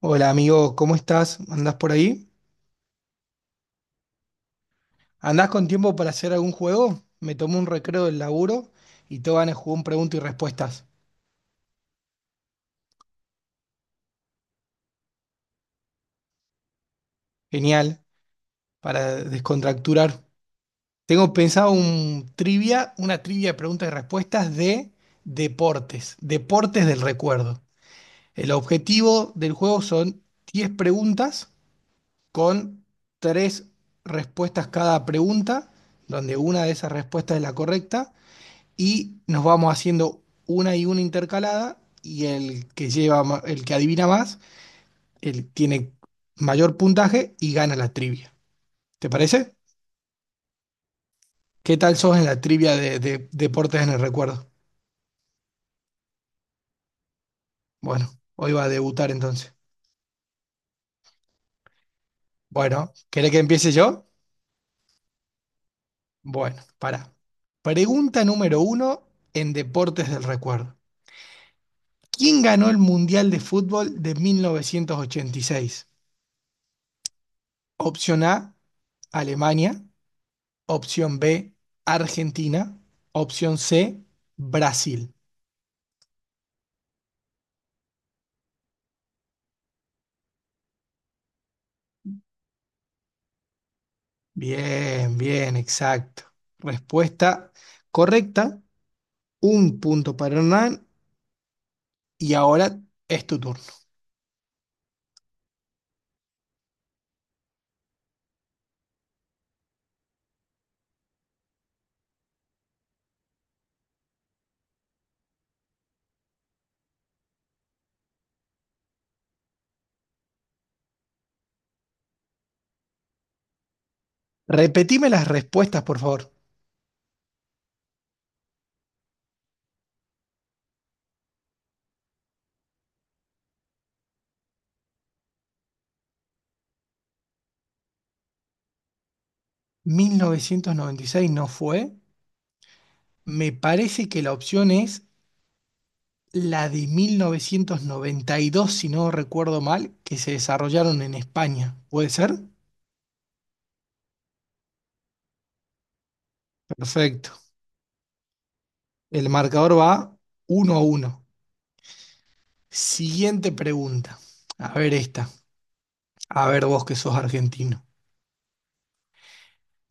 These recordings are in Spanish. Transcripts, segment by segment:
Hola amigo, ¿cómo estás? ¿Andás por ahí? ¿Andás con tiempo para hacer algún juego? Me tomo un recreo del laburo y te van a jugar un preguntas y respuestas. Genial, para descontracturar. Tengo pensado un trivia, una trivia de preguntas y respuestas de deportes, deportes del recuerdo. El objetivo del juego son 10 preguntas con 3 respuestas cada pregunta, donde una de esas respuestas es la correcta y nos vamos haciendo una y una intercalada y el que lleva, el que adivina más, el tiene mayor puntaje y gana la trivia. ¿Te parece? ¿Qué tal sos en la trivia de deportes en el recuerdo? Bueno, hoy va a debutar entonces. Bueno, ¿querés que empiece yo? Bueno, para. Pregunta número uno en deportes del recuerdo. ¿Quién ganó el Mundial de Fútbol de 1986? Opción A, Alemania. Opción B, Argentina. Opción C, Brasil. Bien, bien, exacto. Respuesta correcta. Un punto para Hernán. Y ahora es tu turno. Repetime las respuestas, por favor. 1996 no fue. Me parece que la opción es la de 1992, si no recuerdo mal, que se desarrollaron en España. ¿Puede ser? Perfecto. El marcador va 1-1. Siguiente pregunta. A ver esta. A ver vos que sos argentino.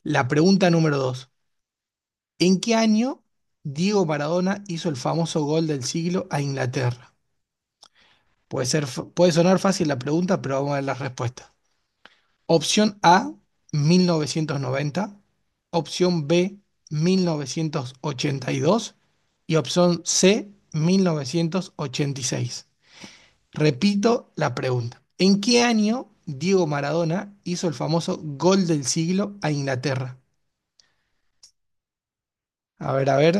La pregunta número dos. ¿En qué año Diego Maradona hizo el famoso gol del siglo a Inglaterra? Puede ser, puede sonar fácil la pregunta, pero vamos a ver las respuestas. Opción A, 1990. Opción B, 1982. Y dos. Y opción C, 1986. Repito la pregunta. ¿En qué año Diego Maradona hizo el famoso gol del siglo a Inglaterra? A ver,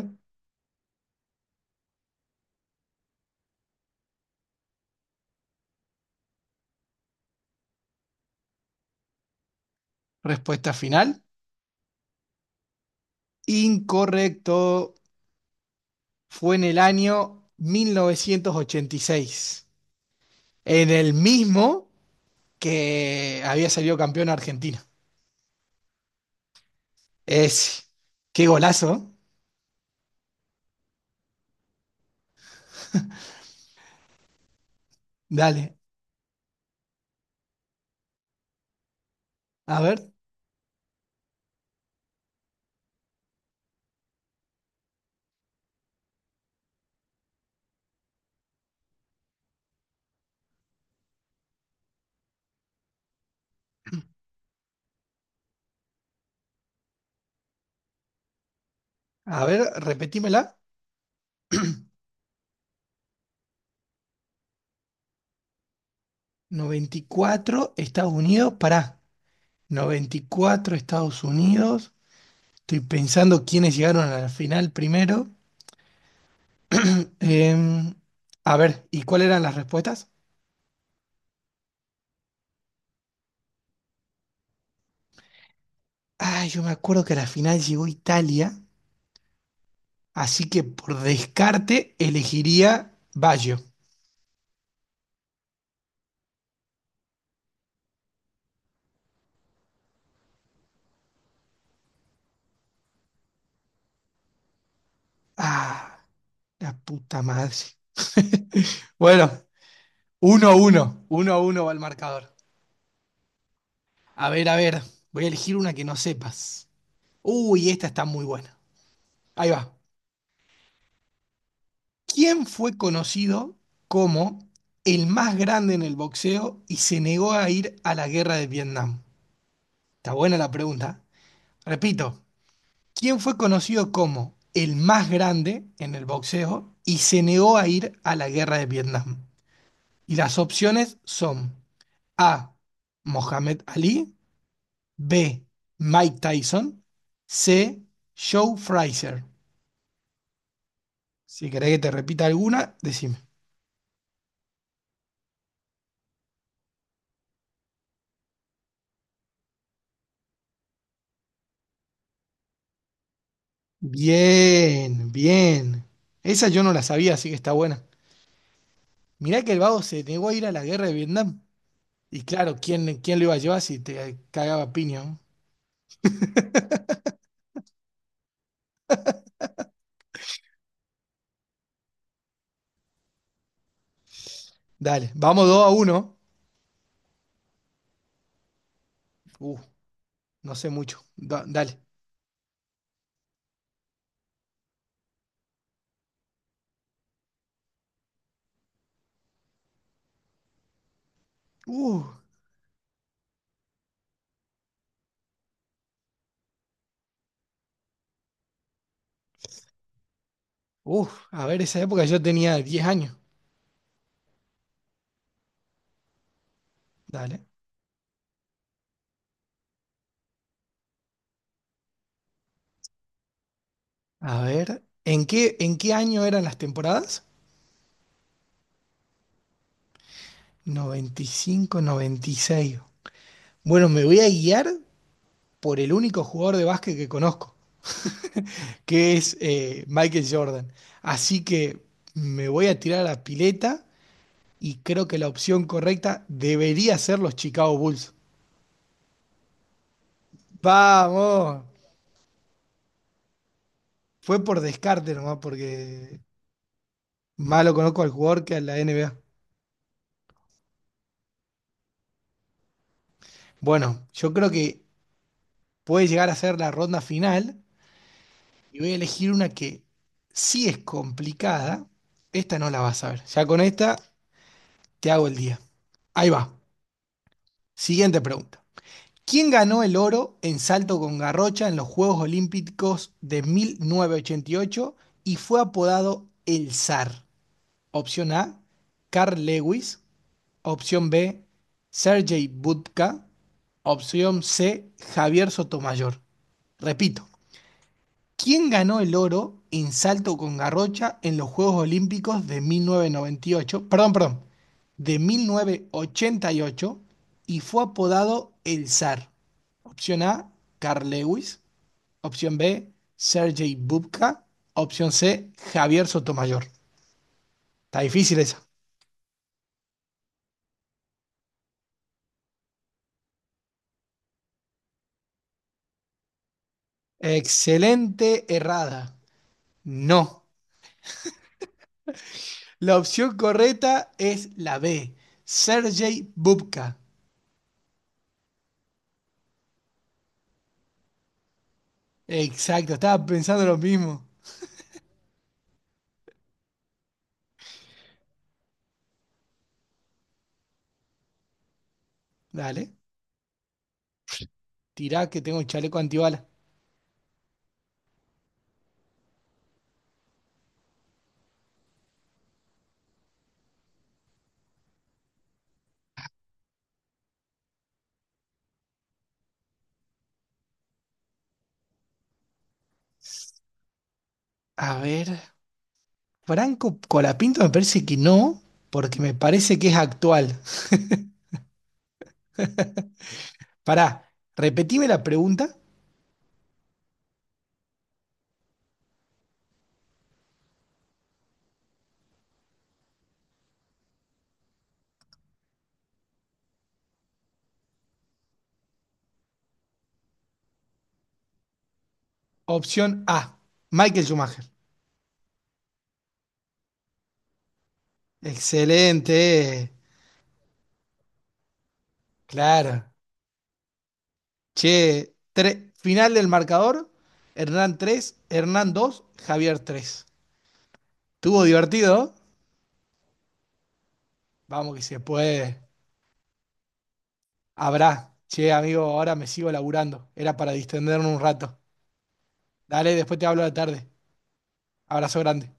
respuesta final. Incorrecto. Fue en el año 1986. En el mismo que había salido campeón Argentina. Es. Qué golazo, ¿eh? Dale. A ver, a ver, repetímela. 94 Estados Unidos, pará. 94 Estados Unidos. Estoy pensando quiénes llegaron a la final primero. Em, a ver, ¿y cuáles eran las respuestas? Ah, yo me acuerdo que a la final llegó Italia, así que por descarte elegiría Baggio. Ah, la puta madre. Bueno, 1-1, 1-1 va el marcador. A ver, voy a elegir una que no sepas. Uy, esta está muy buena. Ahí va. ¿Quién fue conocido como el más grande en el boxeo y se negó a ir a la guerra de Vietnam? Está buena la pregunta. Repito, ¿quién, fue conocido como el más grande en el boxeo y se negó a ir a la guerra de Vietnam? Y las opciones son A. Mohamed Ali, B. Mike Tyson, C. Joe Frazier. Si querés que te repita alguna, decime. Bien, bien. Esa yo no la sabía, así que está buena. Mirá que el vago se negó a ir a la guerra de Vietnam. Y claro, ¿quién lo iba a llevar si te cagaba a piña, ¿no? Dale, vamos 2-1. Uh, no sé mucho. Dale. Uh, a ver, esa época yo tenía 10 años. Dale. A ver, ¿en qué año eran las temporadas? 95-96. Bueno, me voy a guiar por el único jugador de básquet que conozco, que es Michael Jordan. Así que me voy a tirar a la pileta y creo que la opción correcta debería ser los Chicago Bulls. Vamos, fue por descarte nomás, porque malo conozco al jugador que a la NBA. Bueno, yo creo que puede llegar a ser la ronda final y voy a elegir una que sí es complicada. Esta no la vas a ver. Ya con esta te hago el día. Ahí va. Siguiente pregunta. ¿Quién ganó el oro en salto con garrocha en los Juegos Olímpicos de 1988 y ocho y fue apodado el zar? Opción A, Carl Lewis. Opción B, Sergei Budka. Opción C, Javier Sotomayor. Repito, ¿quién ganó el oro en salto con garrocha en los Juegos Olímpicos de 1998? Perdón, perdón, de 1988 y ocho y fue apodado el zar. Opción A, Carl Lewis. Opción B, Sergei Bubka. Opción C, Javier Sotomayor. Está difícil esa. Excelente errada. No. La opción correcta es la B, Sergei Bubka. Exacto, estaba pensando lo mismo. Dale. Tirá que tengo el chaleco antibalas. A ver, Franco Colapinto me parece que no, porque me parece que es actual. Pará, repetime la pregunta. Opción A, Michael Schumacher. Excelente, claro. Che, final del marcador, Hernán 3, Hernán 2, Javier 3. ¿Estuvo divertido, ¿eh? Vamos que se puede. Habrá. Che, amigo, ahora me sigo laburando. Era para distenderme un rato. Dale, después te hablo de la tarde. Abrazo grande.